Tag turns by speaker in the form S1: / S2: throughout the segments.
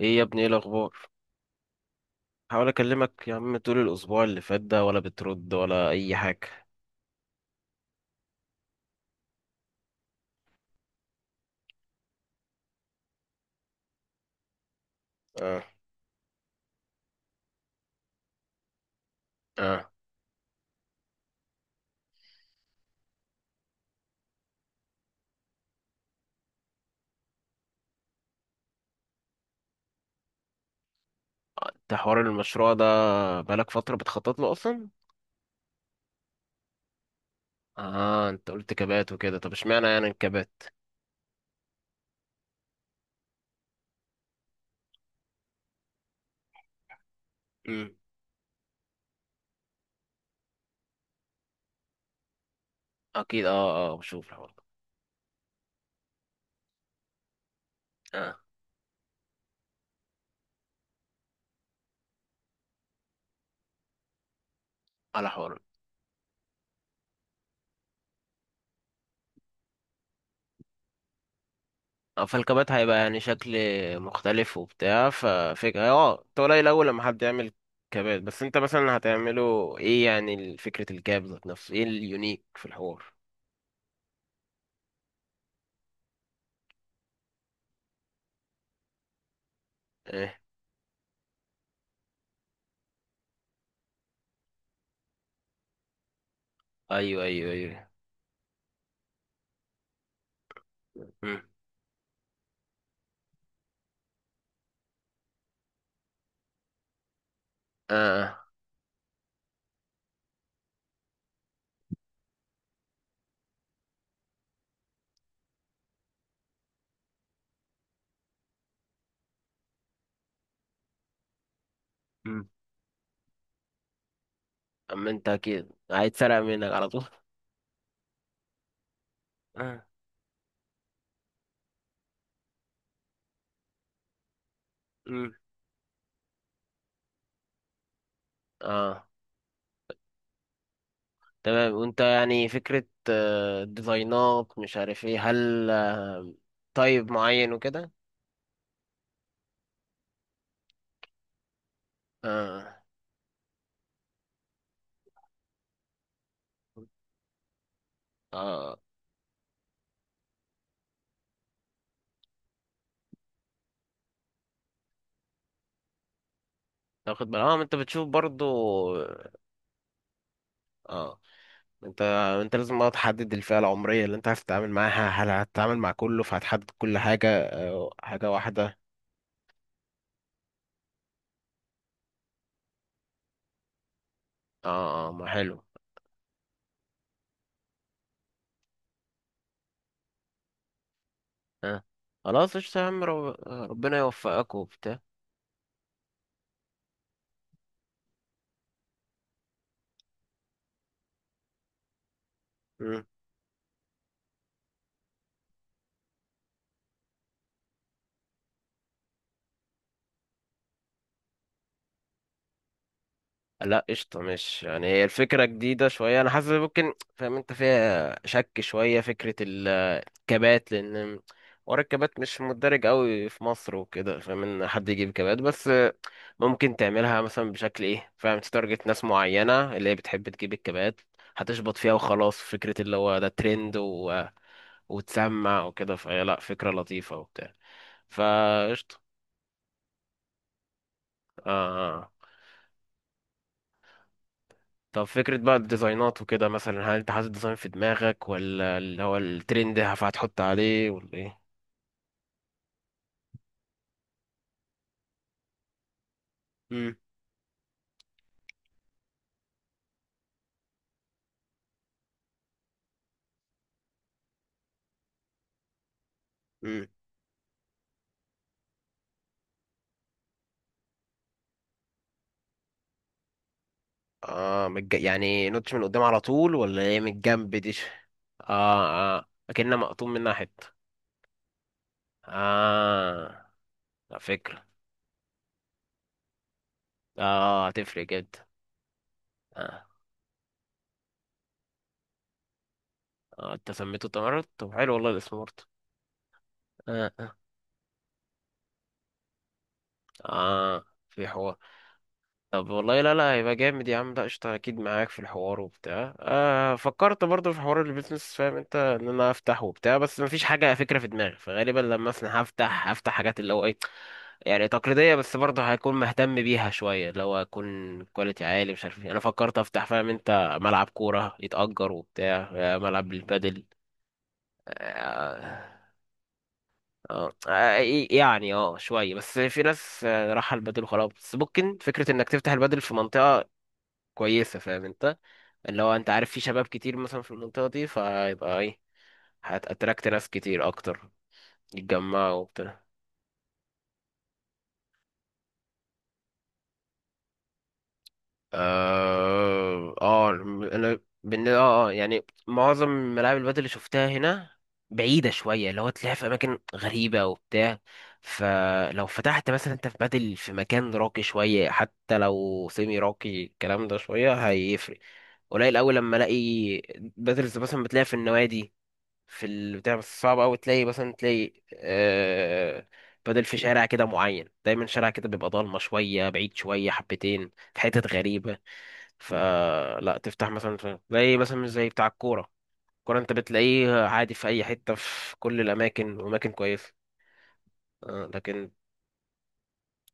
S1: ايه يا ابني، ايه الاخبار؟ حاول اكلمك يا عم طول الاسبوع اللي فات ده، ولا بترد ولا اي حاجه؟ اه، اه. انت حوار المشروع ده بقالك فتره بتخطط له اصلا؟ اه، انت قلت كبات وكده. طب اشمعنى يعني الكبات؟ امم. اكيد. اه، اه، بشوف الحوار ده. اه، على حوار. اه، فالكبات هيبقى يعني شكل مختلف وبتاع. ففكرة انت قليل اول لما حد يعمل كبات، بس انت مثلا هتعمله ايه؟ يعني فكره الكاب ذات نفسه، ايه اليونيك في الحوار؟ ايه. ايوه، ايوه، ايوه. مم. اه. مم. اما انت اكيد هيتسرق منك على طول. اه. مم. اه، تمام. وانت يعني فكرة ديزاينات، مش عارف ايه، هل طيب معين وكده. اه، اه، تاخد بالك ما انت بتشوف برضو. اه، انت انت لازم بقى تحدد الفئة العمرية اللي انت عايز تتعامل معاها. هل هتتعامل مع كله فهتحدد كل حاجة؟ حاجة واحدة. اه، اه، ما حلو. اه، خلاص قشطة يا عم. ربنا يوفقك وبتاع. لا، قشطة. مش يعني، هي الفكرة جديدة شوية، أنا حاسس ممكن فاهم أنت فيها شك شوية فكرة الكبات، لأن ورا الكبات مش متدرج قوي في مصر وكده، فاهم، إن حد يجيب كبات بس. ممكن تعملها مثلا بشكل إيه، فاهم، تتارجت ناس معينة اللي هي بتحب تجيب الكبات. هتشبط فيها وخلاص. فكرة اللي هو ده ترند وتسمع وكده. فهي، لا، فكرة لطيفة وبتاع. فقشطة. آه. آه. طب فكرة بقى الديزاينات وكده مثلا، هل انت حاطط ديزاين في دماغك ولا اللي هو الترند هتحط عليه ولا ايه؟ امم. امم. اه، يعني نوتش من قدام على طول ولا ايه، من الجنب دي؟ اه، اه، اكنها مقطوم منها حتة. اه. لا، فكرة. اه، هتفرق جدا. اه، آه. انت سميته تمرد. طب حلو والله الاسم برضه. اه. اه، في حوار. طب والله، لا، لا، هيبقى جامد يا عم. لا، قشطة، أكيد معاك في الحوار وبتاع. فكرت برضه في حوار البيزنس، فاهم أنت، إن أنا أفتح وبتاع، بس مفيش حاجة فكرة في دماغي. فغالبا لما أصنع، هفتح حاجات اللي هو إيه. يعني تقليدية، بس برضه هكون مهتم بيها شوية، اللي هو هكون كواليتي عالي، مش عارف إيه. أنا فكرت أفتح، فاهم أنت، ملعب كورة يتأجر وبتاع، ملعب للبادل. آه. اه. يعني شوية. بس في ناس راحة البادل وخلاص. بس ممكن فكرة إنك تفتح البادل في منطقة كويسة، فاهم أنت. اللي هو انت عارف، في شباب كتير مثلا في المنطقة دي، فيبقى ايه، هتأتراكت ناس كتير اكتر. يتجمعوا وبتاع. اه، اه. انا يعني معظم ملاعب البادل اللي شفتها هنا بعيدة شوية، اللي هو تلاقيها في أماكن غريبة وبتاع. فلو فتحت مثلا أنت في بادل في مكان راقي شوية، حتى لو سيمي راقي، الكلام ده شوية هيفرق. قليل أوي لما ألاقي بادل. مثلا بتلاقيها في النوادي، في البتاع، بس صعب أوي تلاقي، مثلا تلاقي بدل في شارع كده معين، دايما شارع كده بيبقى ضلمة شوية بعيد شوية حبتين في حتت غريبة. فلا تفتح مثلا، تلاقي مثلا مش زي بتاع الكورة. الكورة انت بتلاقيه عادي في أي حتة، في كل الأماكن وأماكن كويسة. آه، لكن.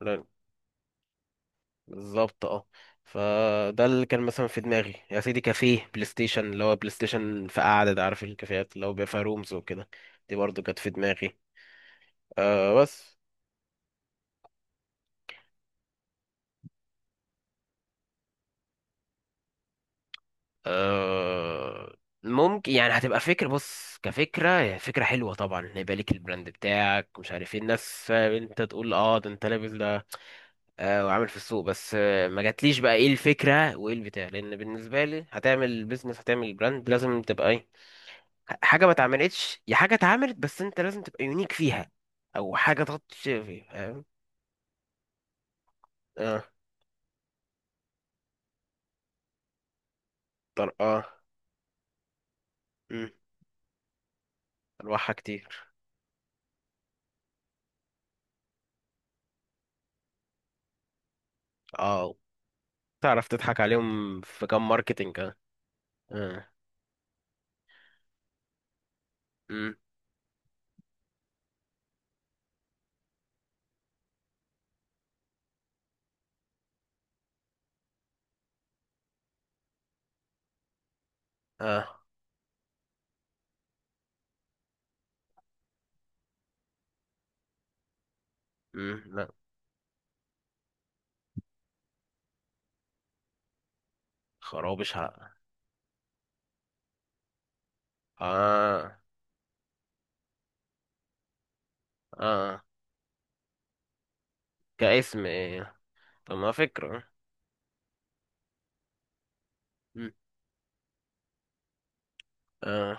S1: لا. بالظبط، اه. فده اللي كان مثلا في دماغي يا سيدي، كافيه بلاي ستيشن، اللي هو بلاي ستيشن في قعدة، ده عارف الكافيهات اللي هو بيبقى فيها رومز وكده. دي برضه كانت في دماغي. آه، بس. آه، ممكن يعني هتبقى فكرة. بص كفكرة، هي فكرة حلوة طبعا، ان يبقى ليك البراند بتاعك، مش عارف ايه، الناس فاهم انت، تقول ده انت لابس ده. وعامل في السوق. بس ما جاتليش بقى ايه الفكرة وايه البتاع، لان بالنسبة لي هتعمل بيزنس، هتعمل براند، لازم تبقى ايه. حاجة ما اتعملتش، يا حاجة اتعملت بس انت لازم تبقى يونيك فيها. او حاجة تحط فيها. فاهم. اه. طرقة. مم. انواعها كتير. اه، تعرف تضحك عليهم في كام ماركتنج. اه. آه. مم. اه. مم. لا. خرابش، ها. آه. آه. كاسم إيه؟ طب ما فكرة. مم. آه.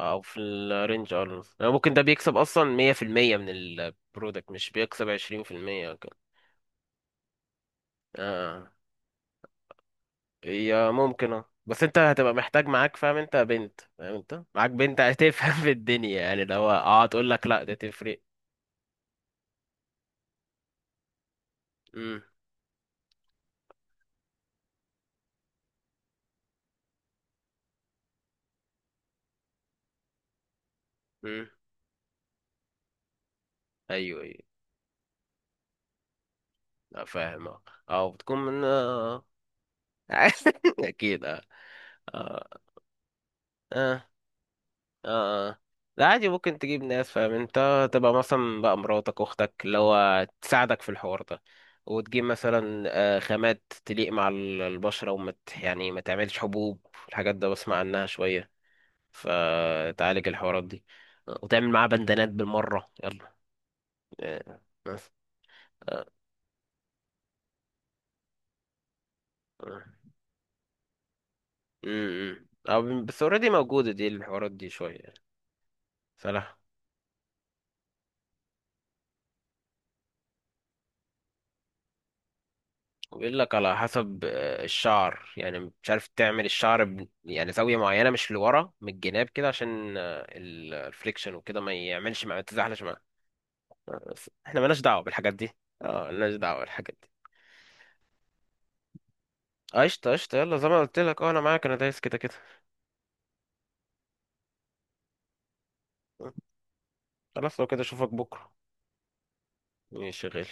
S1: أو في الرينج، يعني ممكن ده بيكسب أصلا 100% من البرودكت، مش بيكسب 20% كده. آه. هي ممكن، بس أنت هتبقى محتاج معاك فاهم أنت بنت، فاهم أنت معاك بنت هتفهم في الدنيا. يعني لو تقول لك لأ ده تفرق. مم. مم. أيوه، أيوه. لا، فاهم. أه. أو بتكون من أكيد، أه. آه. آه. اه، اه، لا، عادي، ممكن تجيب ناس فاهم انت، تبقى مثلا بقى مراتك اختك، اللي هو تساعدك في الحوار ده. وتجيب مثلا خامات تليق مع البشرة، وما ت- يعني ما تعملش حبوب، الحاجات ده بسمع عنها شوية. فتعالج الحوارات دي. وتعمل معاها بندانات بالمرة، يلا. آه. بس. آه. آه. م- م. آه. بس اوريدي موجودة دي، الحوارات دي شوية يعني. فلا. بيقول لك على حسب الشعر. يعني مش عارف، تعمل الشعر يعني زاوية معينة، مش لورا من الجناب كده عشان الفريكشن وكده ما يعملش، مع ما تزحلقش مع. بس احنا مالناش دعوة بالحاجات دي. اه، مالناش دعوة بالحاجات دي. قشطة، قشطة، يلا زي ما قلت لك، انا معاك، انا دايس كده كده. خلاص، لو كده اشوفك بكرة. ماشي يا غالي.